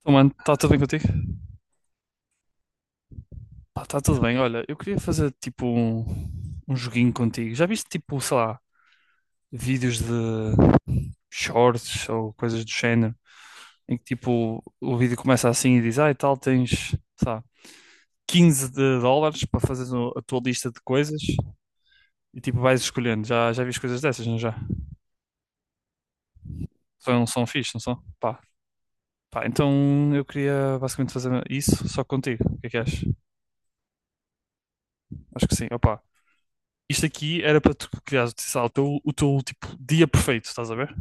Então, mano, está tudo bem contigo? Pá, está tudo bem. Olha, eu queria fazer tipo um joguinho contigo. Já viste tipo, sei lá, vídeos de shorts ou coisas do género, em que tipo o vídeo começa assim e diz, ah, e tal, tens, sei lá, 15 de dólares para fazer a tua lista de coisas e tipo vais escolhendo. Já viste coisas dessas, não já? São fixe, não são? Pá. Pá, então eu queria basicamente fazer isso só contigo. O que é que achas? Acho que sim. Opa, isto aqui era para tu criar o teu tipo, dia perfeito, estás a ver?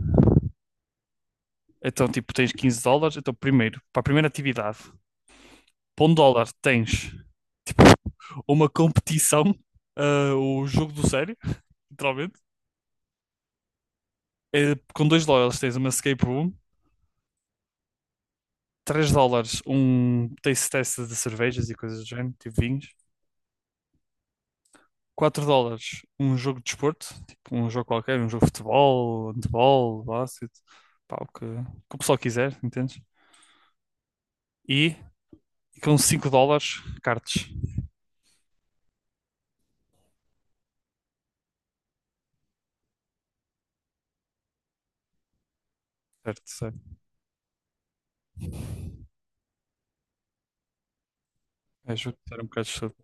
Então, tipo, tens 15 dólares. Então, primeiro, para a primeira atividade, para um dólar tens uma competição, ah, o jogo do sério, literalmente. Com 2 dólares tens uma escape room. Três dólares, um taste test de cervejas e coisas do género, tipo vinhos. Quatro dólares, um jogo de desporto, tipo um jogo qualquer, um jogo de futebol, handebol, basquete, pá, o que o pessoal quiser, entendes? E E com 5 dólares, cartes. Certo, certo. É, juro que era um bocado chato.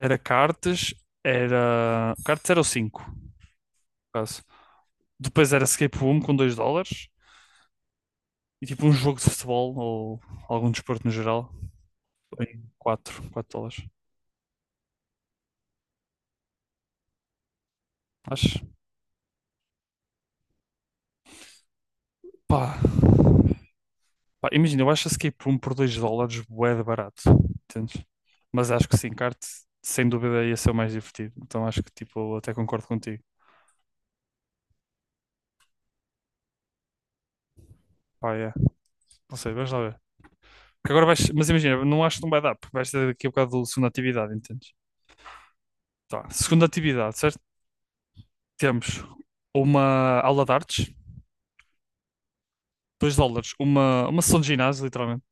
Era cartes era. Cartas era o 5, no caso. Depois era escape room com 2 dólares. E tipo um jogo de futebol ou algum desporto no geral em 4 4 dólares. Acho. Pá. Pá, imagina, eu acho escape room por 2 dólares bué de barato. Entendes? Mas acho que sim, kart sem dúvida ia ser o mais divertido. Então acho que tipo, eu até concordo contigo. Pá, é. Não sei, vamos lá ver. Porque agora vais, mas imagina, não acho que não vai dar, porque vais ter daqui a bocado do segunda atividade, entendes? Tá, segunda atividade, certo? Temos uma aula de artes, 2 dólares, uma sessão de ginásio, literalmente,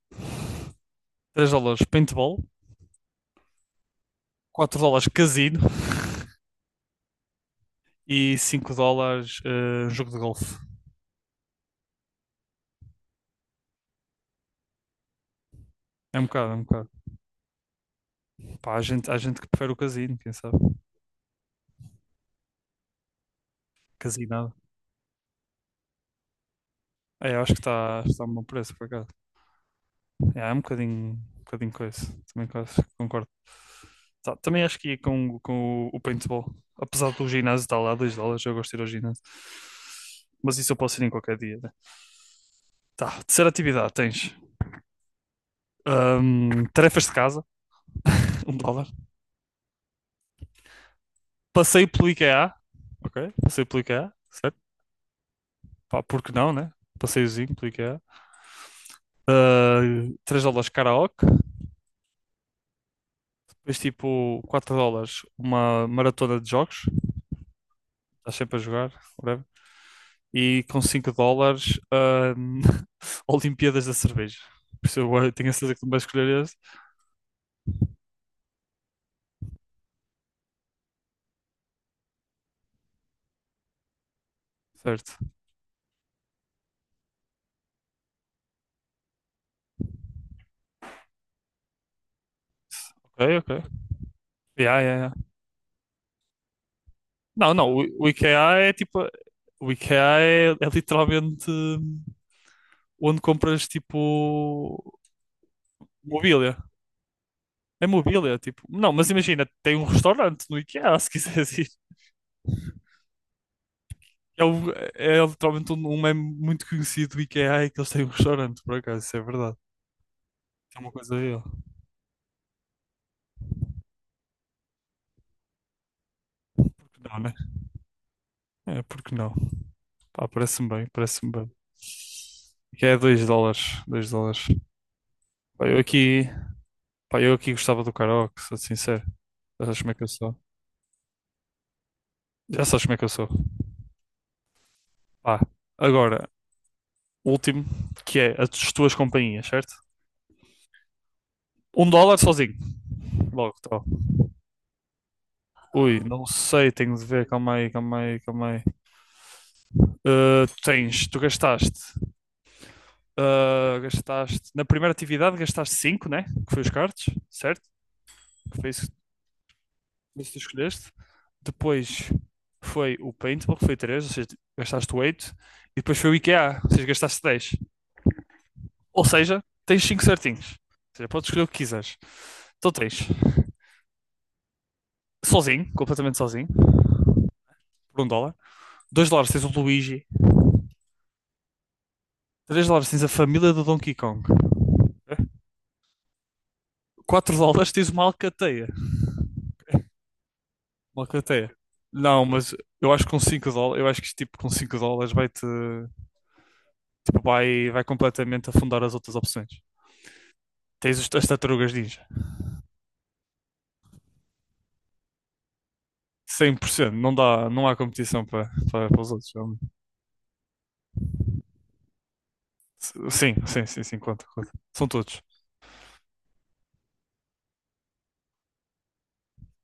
3 dólares paintball, 4 dólares casino e 5 dólares jogo de golfe. É um bocado, é um bocado. Pá, há gente que prefere o casino, quem sabe? Casinado. É, eu acho que está a um bom preço, por acaso. É um bocadinho com isso. Também quase concordo. Tá, também acho que ia com o paintball. Apesar do ginásio estar lá, 2 dólares, eu gosto de ir ao ginásio. Mas isso eu posso ir em qualquer dia, né? Tá, terceira atividade: tens tarefas de casa, um dólar. Passeio pelo IKEA, ok? Passeio pelo IKEA, certo? Pá, porque não, né? Passeiozinho pelo IKEA. 3 dólares karaoke, depois tipo 4 dólares uma maratona de jogos, estás sempre a jogar, whatever. E com 5 dólares, Olimpíadas da cerveja. Por isso eu tenho a certeza que tu vais escolher esse. Certo. Ok, ok. Yeah, yeah, yeah. Não, não, o IKEA é tipo. O IKEA é literalmente, onde compras tipo mobília. É mobília, tipo. Não, mas imagina, tem um restaurante no IKEA, se quiseres. É, o- É literalmente um meme muito conhecido do IKEA é que eles têm um restaurante, por acaso, isso é verdade. É uma coisa aí, ó. Porque não, né? É, porque não? Pá, parece-me bem, parece-me bem. Que é 2 dólares, 2 dólares. Pá, eu aqui, pá, eu aqui gostava do karaoke, sou sincero. Já sabes como é que eu sou. Já sabes como é que eu sou. Pá, agora, último, que é as tuas companhias, certo? Um dólar sozinho. Logo, tal. Ui, não sei, tenho de ver, calma aí, calma aí, calma aí. Ah, tens, tu gastaste. Ah, gastaste, na primeira atividade gastaste cinco, né? Que foi os cards, certo? Que foi isso, isso que tu escolheste. Depois foi o paintball, que foi três, ou seja, gastaste oito. E depois foi o IKEA, ou seja, gastaste 10. Ou seja, tens 5 certinhos. Ou seja, podes escolher o que quiseres. Então tens sozinho, completamente sozinho, por um dólar. Dois dólares tens o Luigi. Três dólares tens a família do Donkey Kong. Eh? Quatro dólares tens uma alcateia. Uma cateia. Não, mas eu acho que com 5 dólares, eu acho que tipo com 5 dólares vai-te, tipo, vai completamente afundar as outras opções. As tartarugas ninja. Cem por cento não dá, não há competição para os outros. É- Sim, sim, sim, sim, conta, conta. São todos.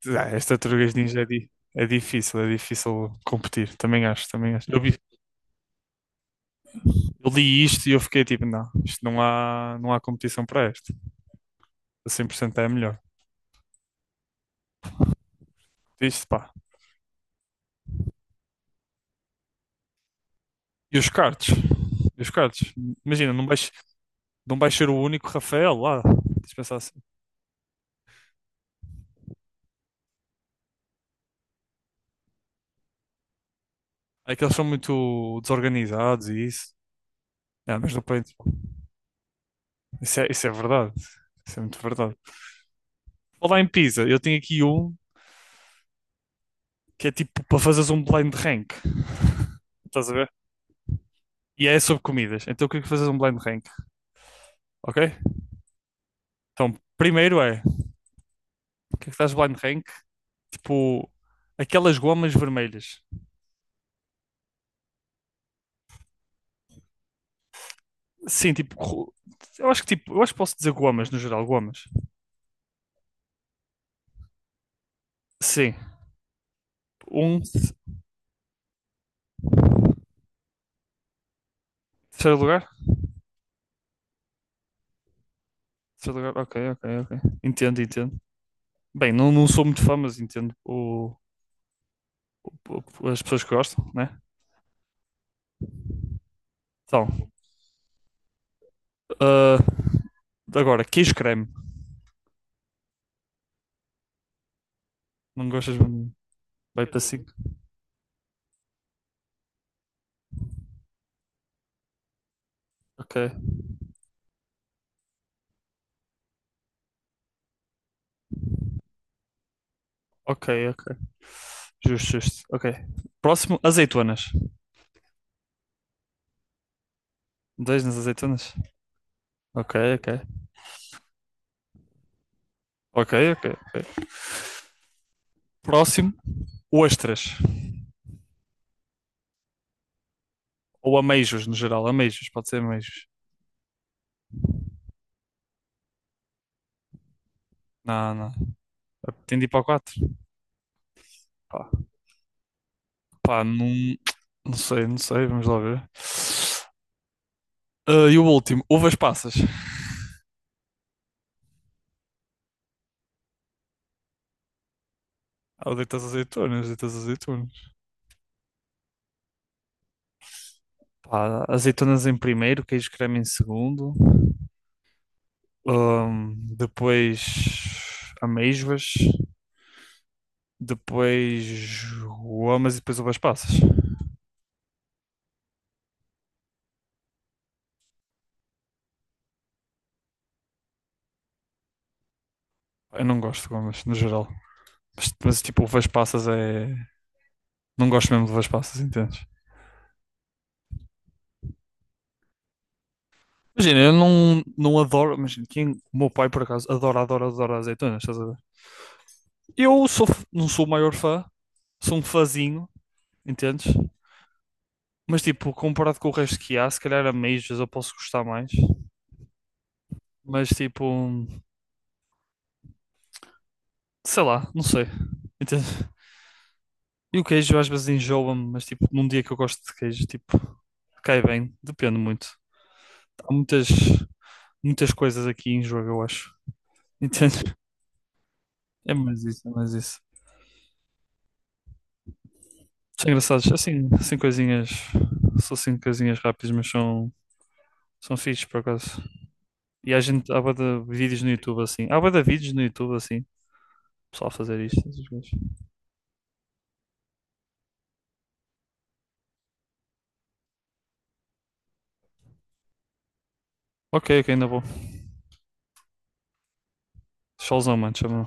Ah, as tartarugas ninja é, é difícil competir. Também acho, também acho. Eu li isto e eu fiquei tipo, não, isto não há, não há competição para este. A 100% é a melhor. Isto, pá. E os cards E os cards. Imagina, não vais ser o único Rafael lá. Tens de pensar assim. É que eles são muito desorganizados e isso. É, mas não pronto. Isso é verdade. Isso é muito verdade. Falar em pizza, eu tenho aqui um que é tipo para fazeres um blind rank. Estás a ver? E é sobre comidas. Então o que é que fazes um blind rank? Ok? Então, primeiro é, o que é que fazes blind rank? Tipo, aquelas gomas vermelhas. Sim, tipo, eu acho que tipo, eu acho que posso dizer gomas no geral, gomas. Sim. Um, terceiro lugar. Terceiro lugar, ok, ok, ok. Entendo, entendo. Bem, não, não sou muito fã, mas entendo as pessoas que gostam, né? Então, ah, agora, queijo creme. Não gostas muito? Vai para cinco. Ok, ok, ok. Justo, justo. Ok. Próximo, azeitonas. Dois nas azeitonas? Ok, ok. Ok, ok, ok. Próximo, ostras. Ou ameijos, no geral. Ameijos, pode ser ameijos. Não, não. Tem de ir para o 4. Pá, pá, não, não sei, não sei. Vamos lá ver. Ah, e o último, uvas passas. Ah, o deitas azeitonas, deitas azeitonas. Pá, azeitonas em primeiro, queijo creme em segundo. Depois amêijoas. Depois gomas e depois uvas passas. Eu não gosto de gomas, no geral. Tipo, uvas passas é... Não gosto mesmo de uvas passas, entendes? Imagina, eu não, não adoro... Imagina, quem, o meu pai, por acaso, adora, adora, adora azeitonas, estás a ver? Eu sou, não sou o maior fã. Sou um fãzinho, entendes? Mas tipo, comparado com o resto que há, se calhar a Majors eu posso gostar mais. Mas tipo, sei lá, não sei. Entende? E o queijo às vezes enjoa-me, mas tipo, num dia que eu gosto de queijo, tipo, cai bem. Depende muito. Há muitas, muitas coisas aqui em jogo, eu acho. Entende? É mais isso, é mais isso. São engraçados. Assim, assim coisinhas. São assim coisinhas rápidas, mas são, são fixes por acaso. Há bué de vídeos no YouTube assim. Há bué de vídeos no YouTube assim. Pessoal a fazer isto. Essas coisas. Ok, ok, ainda vou. Solzão, mano, chama